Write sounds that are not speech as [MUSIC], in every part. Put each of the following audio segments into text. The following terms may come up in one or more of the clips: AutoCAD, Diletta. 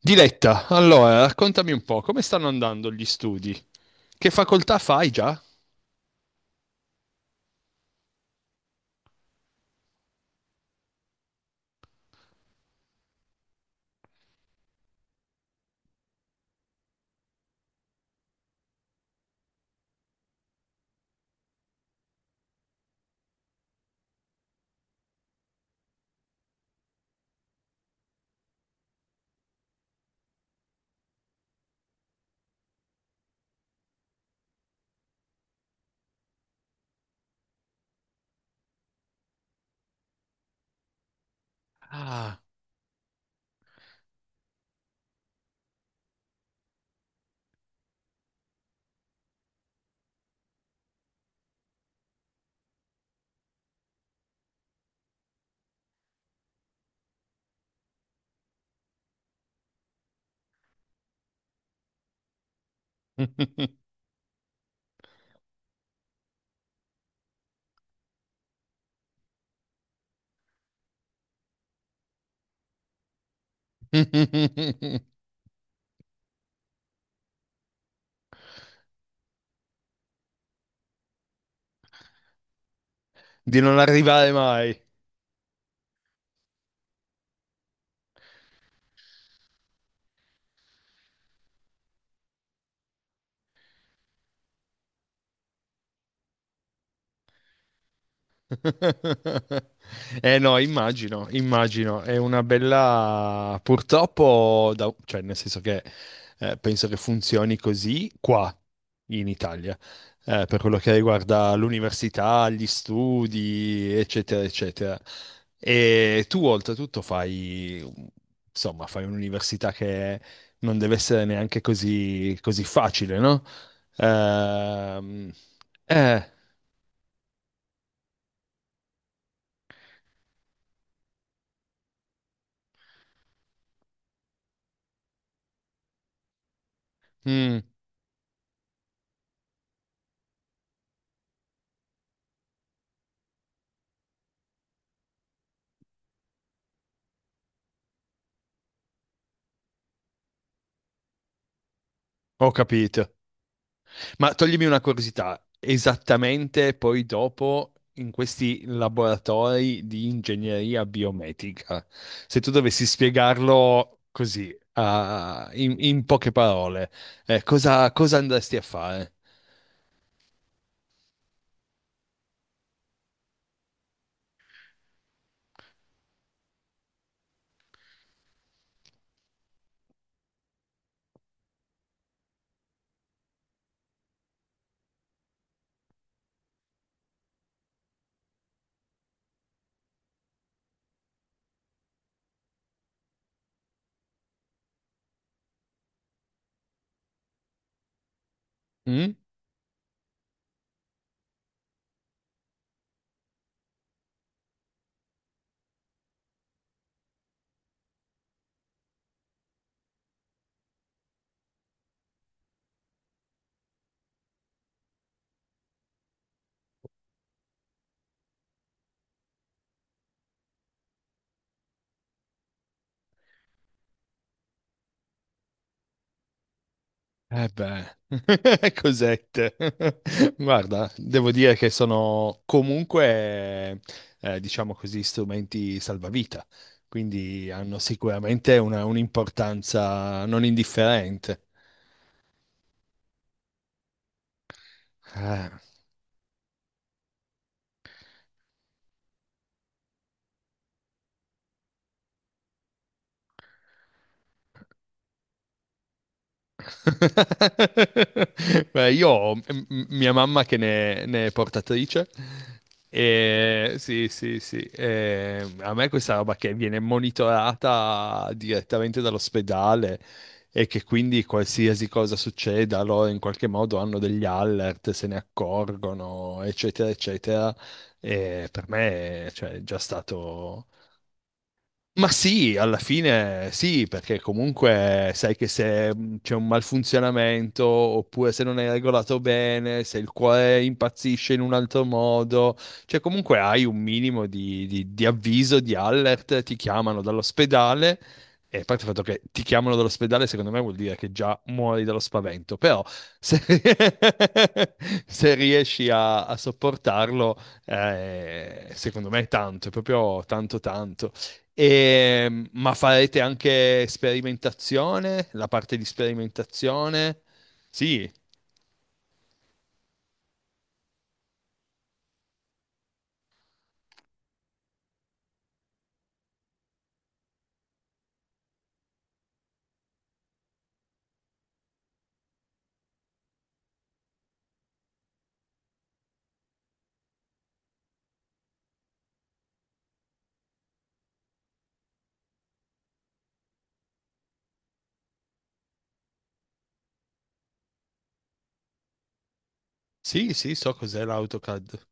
Diletta, allora raccontami un po', come stanno andando gli studi? Che facoltà fai già? Ah. [LAUGHS] Di non arrivare mai. [LAUGHS] Eh no, immagino, immagino, è una bella... purtroppo, da- cioè nel senso che penso che funzioni così qua in Italia, per quello che riguarda l'università, gli studi, eccetera, eccetera. E tu oltretutto fai, insomma, fai un'università che non deve essere neanche così, così facile, no? Ehm, eh, mm, ho capito. Ma toglimi una curiosità, esattamente poi dopo in questi laboratori di ingegneria biomedica, se tu dovessi spiegarlo così, a- in, in poche parole, cosa, cosa andresti a fare? Mm? Eh beh, [LAUGHS] cosette. [LAUGHS] Guarda, devo dire che sono comunque, diciamo così, strumenti salvavita, quindi hanno sicuramente una- un'importanza non indifferente. Eh, [LAUGHS] beh, io ho m- mia mamma che ne, ne è portatrice e sì, sì, sì, e a me questa roba che viene monitorata direttamente dall'ospedale e che quindi qualsiasi cosa succeda, loro in qualche modo hanno degli alert, se ne accorgono, eccetera, eccetera, e per me, cioè, è già stato ma sì, alla fine sì, perché comunque sai che se c'è un malfunzionamento oppure se non è regolato bene, se il cuore impazzisce in un altro modo, cioè comunque hai un minimo di avviso, di alert, ti chiamano dall'ospedale e a parte il fatto che ti chiamano dall'ospedale secondo me vuol dire che già muori dallo spavento, però se, [LAUGHS] se riesci a, a sopportarlo, secondo me è tanto, è proprio tanto tanto. E, ma farete anche sperimentazione? La parte di sperimentazione? Sì, sì, sì, so cos'è l'AutoCAD.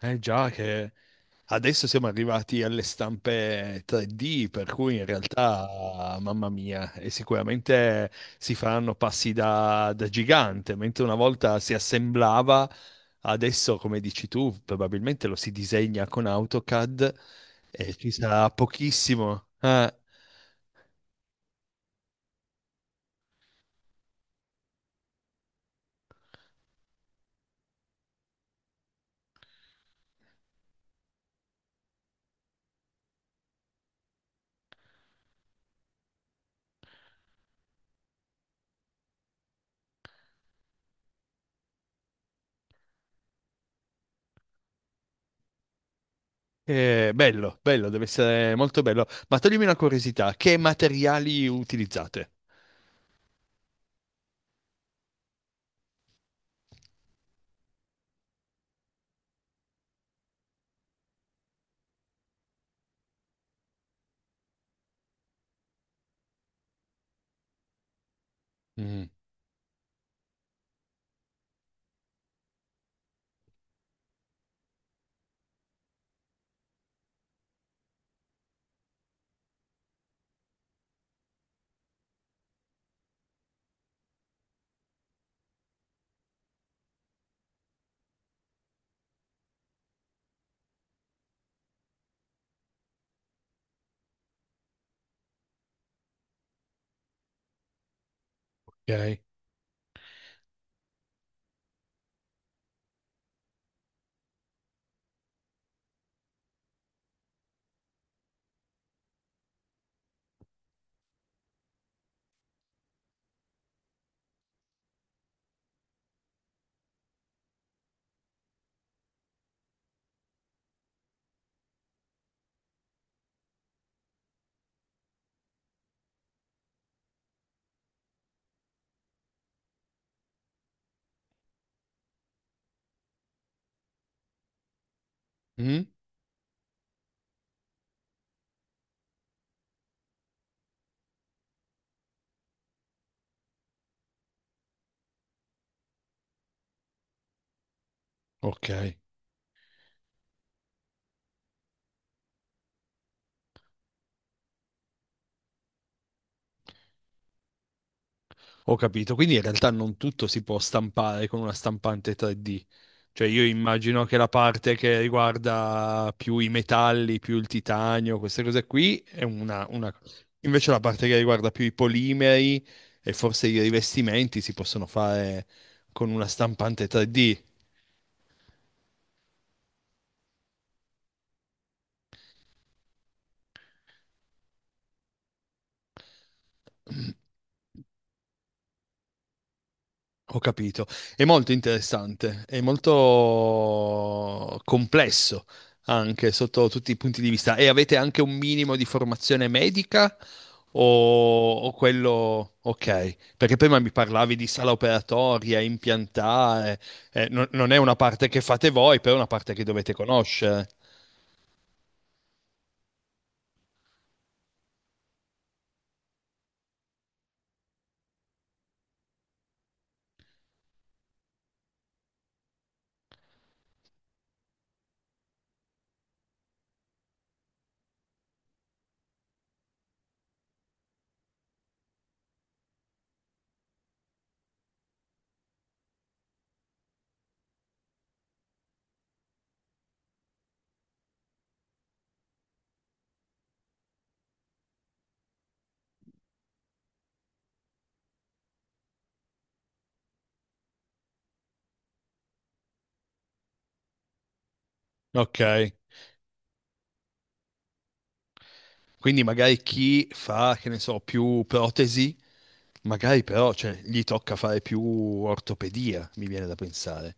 Eh già che adesso siamo arrivati alle stampe 3D, per cui in realtà, mamma mia, e sicuramente si faranno passi da, da gigante, mentre una volta si assemblava, adesso, come dici tu, probabilmente lo si disegna con AutoCAD e ci sarà pochissimo. Eh. Bello, bello, deve essere molto bello. Ma toglimi una curiosità, che materiali utilizzate? Mm, ok. Mm, ok, ho capito. Quindi in realtà non tutto si può stampare con una stampante 3D. Cioè io immagino che la parte che riguarda più i metalli, più il titanio, queste cose qui, è una... Invece la parte che riguarda più i polimeri e forse i rivestimenti si possono fare con una stampante 3D. [CLEARS THROAT] Ho capito. È molto interessante, è molto complesso anche sotto tutti i punti di vista. E avete anche un minimo di formazione medica o quello... Ok, perché prima mi parlavi di sala operatoria, impiantare, non, non è una parte che fate voi, però è una parte che dovete conoscere. Ok, quindi magari chi fa, che ne so, più protesi, magari però cioè, gli tocca fare più ortopedia, mi viene da pensare.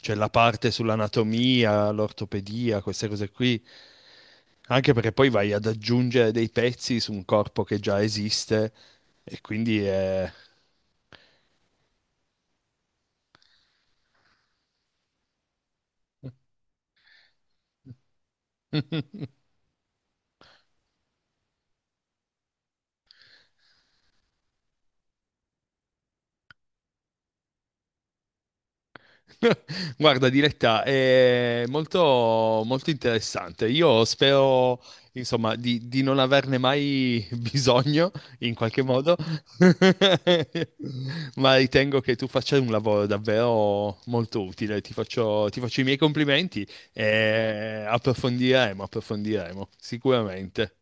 Cioè la parte sull'anatomia, l'ortopedia, queste cose qui, anche perché poi vai ad aggiungere dei pezzi su un corpo che già esiste e quindi è... [LAUGHS] [LAUGHS] Guarda, Diletta, è molto, molto interessante. Io spero, insomma, di non averne mai [LAUGHS] bisogno in qualche modo, [LAUGHS] ma ritengo che tu faccia un lavoro davvero molto utile. Ti faccio i miei complimenti e approfondiremo, approfondiremo, sicuramente.